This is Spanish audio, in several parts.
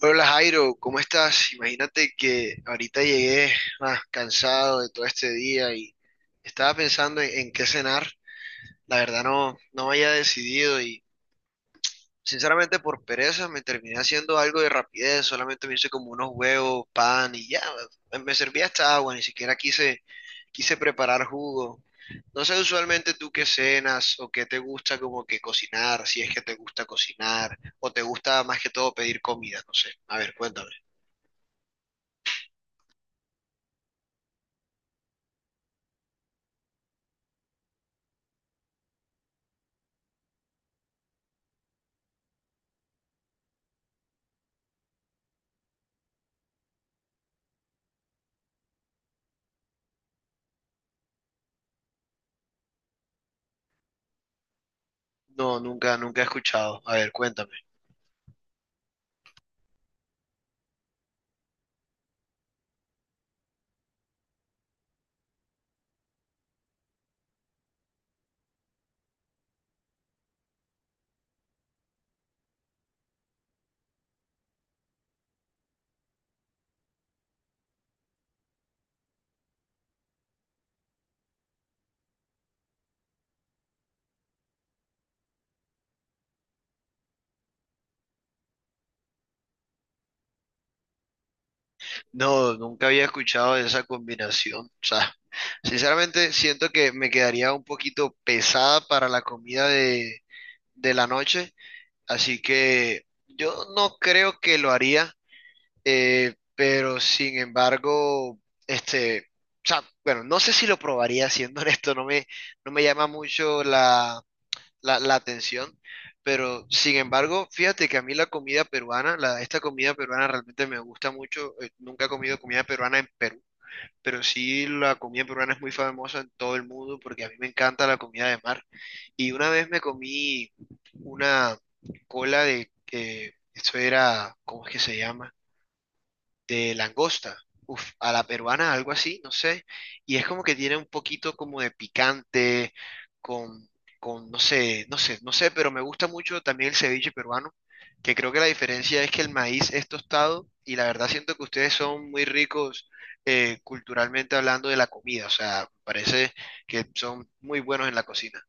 Hola Jairo, ¿cómo estás? Imagínate que ahorita llegué cansado de todo este día y estaba pensando en qué cenar. La verdad no había decidido y sinceramente por pereza me terminé haciendo algo de rapidez, solamente me hice como unos huevos, pan y ya, me servía hasta agua, ni siquiera quise preparar jugo. No sé, usualmente tú qué cenas o qué te gusta como que cocinar, si es que te gusta cocinar o te gusta más que todo pedir comida, no sé. A ver, cuéntame. No, nunca he escuchado. A ver, cuéntame. No, nunca había escuchado de esa combinación. O sea, sinceramente siento que me quedaría un poquito pesada para la comida de la noche, así que yo no creo que lo haría, pero sin embargo, este, o sea, bueno, no sé si lo probaría, siendo honesto, no me llama mucho la, la atención, pero sin embargo, fíjate que a mí la comida peruana, esta comida peruana realmente me gusta mucho. Nunca he comido comida peruana en Perú, pero sí, la comida peruana es muy famosa en todo el mundo porque a mí me encanta la comida de mar. Y una vez me comí una cola de, eso era, ¿cómo es que se llama? De langosta, uf, a la peruana, algo así, no sé, y es como que tiene un poquito como de picante, con, con, no sé, pero me gusta mucho también el ceviche peruano, que creo que la diferencia es que el maíz es tostado, y la verdad siento que ustedes son muy ricos culturalmente hablando de la comida, o sea, parece que son muy buenos en la cocina.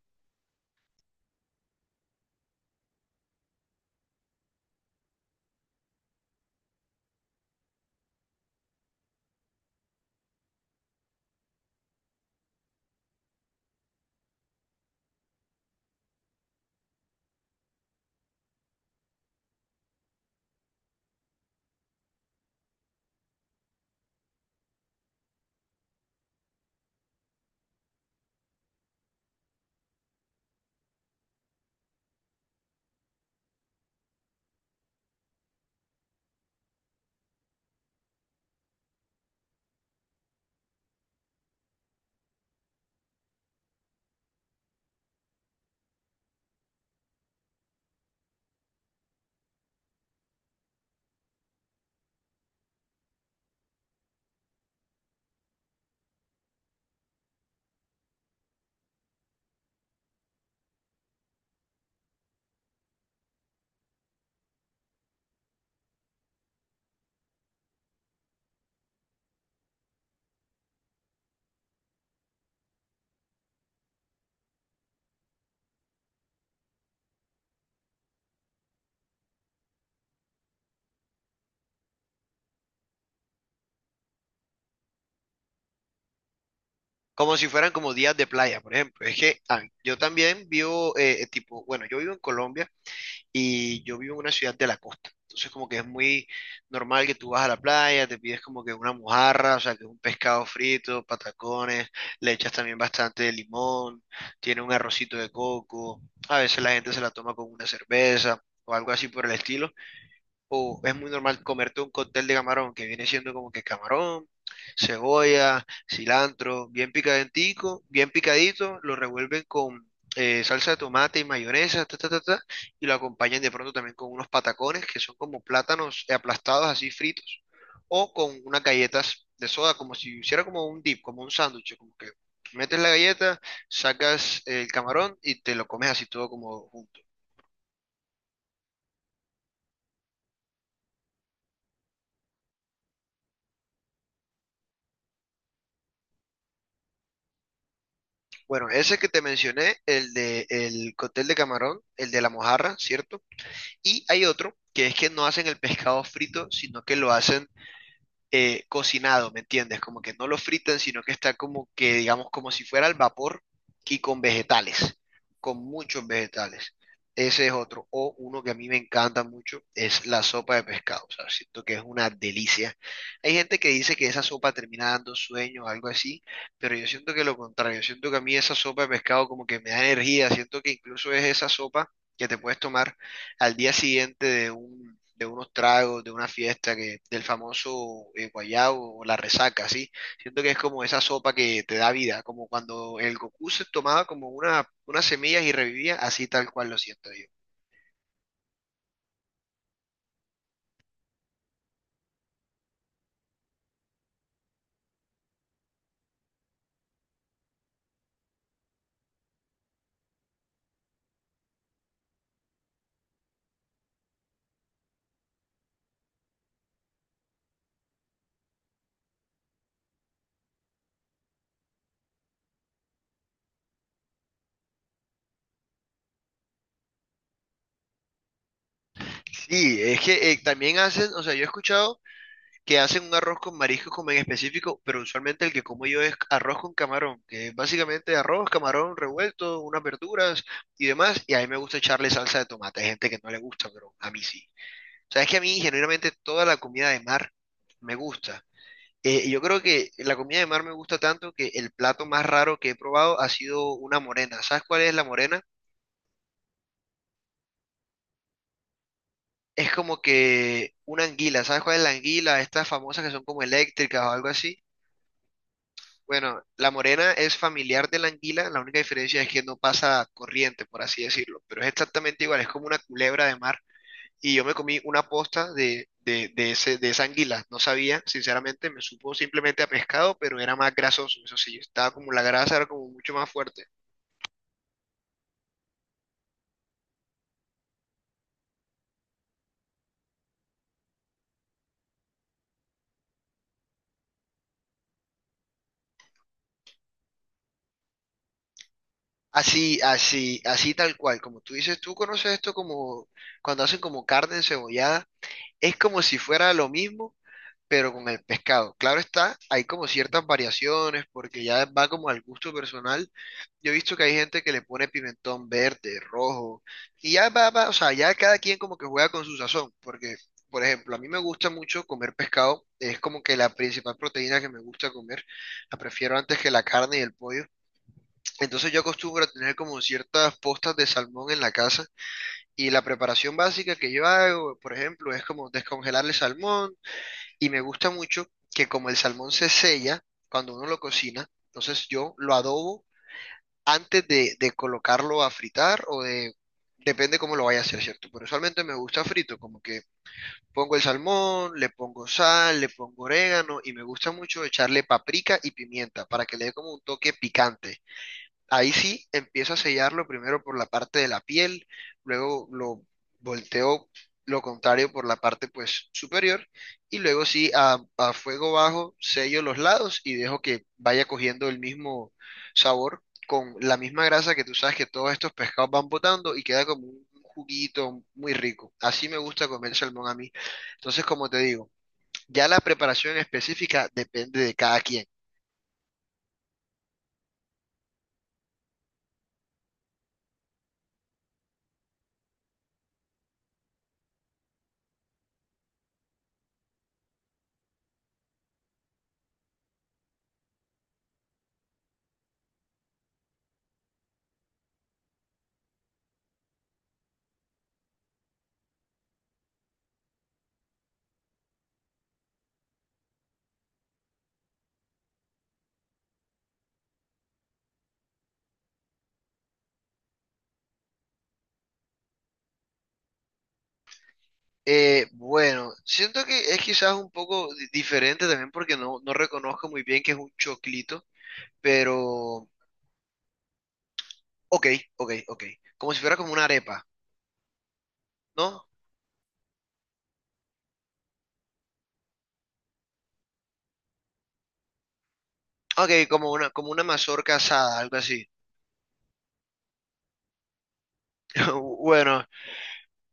Como si fueran como días de playa, por ejemplo. Es que ah, yo también vivo, tipo, bueno, yo vivo en Colombia, y yo vivo en una ciudad de la costa. Entonces como que es muy normal que tú vas a la playa, te pides como que una mojarra, o sea, que es un pescado frito, patacones, le echas también bastante de limón, tiene un arrocito de coco, a veces la gente se la toma con una cerveza o algo así por el estilo, o es muy normal comerte un cóctel de camarón, que viene siendo como que camarón, cebolla, cilantro, bien picadentico, bien picadito, lo revuelven con salsa de tomate y mayonesa, ta, ta, ta, ta, y lo acompañan de pronto también con unos patacones que son como plátanos aplastados así fritos, o con unas galletas de soda, como si hiciera como un dip, como un sándwich, como que metes la galleta, sacas el camarón y te lo comes así todo como junto. Bueno, ese que te mencioné, el de el cóctel de camarón, el de la mojarra, ¿cierto? Y hay otro que es que no hacen el pescado frito, sino que lo hacen cocinado, ¿me entiendes? Como que no lo fritan, sino que está como que, digamos, como si fuera al vapor y con vegetales, con muchos vegetales. Ese es otro. O uno que a mí me encanta mucho es la sopa de pescado. O sea, siento que es una delicia. Hay gente que dice que esa sopa termina dando sueño o algo así, pero yo siento que lo contrario. Yo siento que a mí esa sopa de pescado como que me da energía. Siento que incluso es esa sopa que te puedes tomar al día siguiente de un, de unos tragos, de una fiesta, que, del famoso guayabo o la resaca, ¿sí? Siento que es como esa sopa que te da vida, como cuando el Goku se tomaba como una, unas semillas y revivía, así tal cual lo siento yo. Sí, es que también hacen, o sea, yo he escuchado que hacen un arroz con mariscos como en específico, pero usualmente el que como yo es arroz con camarón, que es básicamente arroz, camarón revuelto, unas verduras y demás, y a mí me gusta echarle salsa de tomate, hay gente que no le gusta, pero a mí sí. O sea, es que a mí genuinamente toda la comida de mar me gusta. Yo creo que la comida de mar me gusta tanto que el plato más raro que he probado ha sido una morena. ¿Sabes cuál es la morena? Es como que una anguila. ¿Sabes cuál es la anguila? Estas famosas que son como eléctricas o algo así. Bueno, la morena es familiar de la anguila. La única diferencia es que no pasa corriente, por así decirlo. Pero es exactamente igual. Es como una culebra de mar, y yo me comí una posta de ese, de esa anguila. No sabía, sinceramente, me supo simplemente a pescado, pero era más grasoso. Eso sí, estaba como la grasa, era como mucho más fuerte. Así, así tal cual. Como tú dices, tú conoces esto como cuando hacen como carne encebollada. Es como si fuera lo mismo, pero con el pescado. Claro está, hay como ciertas variaciones, porque ya va como al gusto personal. Yo he visto que hay gente que le pone pimentón verde, rojo, y ya va, o sea, ya cada quien como que juega con su sazón, porque, por ejemplo, a mí me gusta mucho comer pescado, es como que la principal proteína que me gusta comer, la prefiero antes que la carne y el pollo. Entonces yo acostumbro a tener como ciertas postas de salmón en la casa, y la preparación básica que yo hago, por ejemplo, es como descongelar el salmón, y me gusta mucho que como el salmón se sella cuando uno lo cocina, entonces yo lo adobo antes de colocarlo a fritar o de... Depende cómo lo vaya a hacer, ¿cierto? Pero usualmente me gusta frito, como que pongo el salmón, le pongo sal, le pongo orégano y me gusta mucho echarle paprika y pimienta para que le dé como un toque picante. Ahí sí empiezo a sellarlo primero por la parte de la piel, luego lo volteo lo contrario por la parte pues superior, y luego sí a fuego bajo sello los lados y dejo que vaya cogiendo el mismo sabor con la misma grasa que tú sabes que todos estos pescados van botando y queda como un juguito muy rico. Así me gusta comer salmón a mí. Entonces, como te digo, ya la preparación específica depende de cada quien. Bueno, siento que es quizás un poco diferente también porque no reconozco muy bien que es un choclito, pero ok, ok, ok. Como si fuera como una arepa, ¿no? Ok, como una mazorca asada, algo así. Bueno,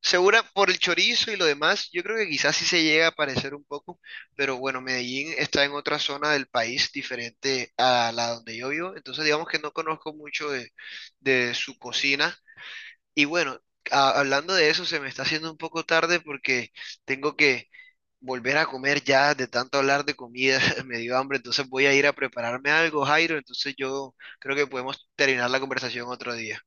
segura por el chorizo y lo demás, yo creo que quizás sí se llega a parecer un poco, pero bueno, Medellín está en otra zona del país diferente a la donde yo vivo, entonces digamos que no conozco mucho de su cocina. Y bueno, hablando de eso, se me está haciendo un poco tarde porque tengo que volver a comer ya de tanto hablar de comida, me dio hambre, entonces voy a ir a prepararme algo, Jairo, entonces yo creo que podemos terminar la conversación otro día.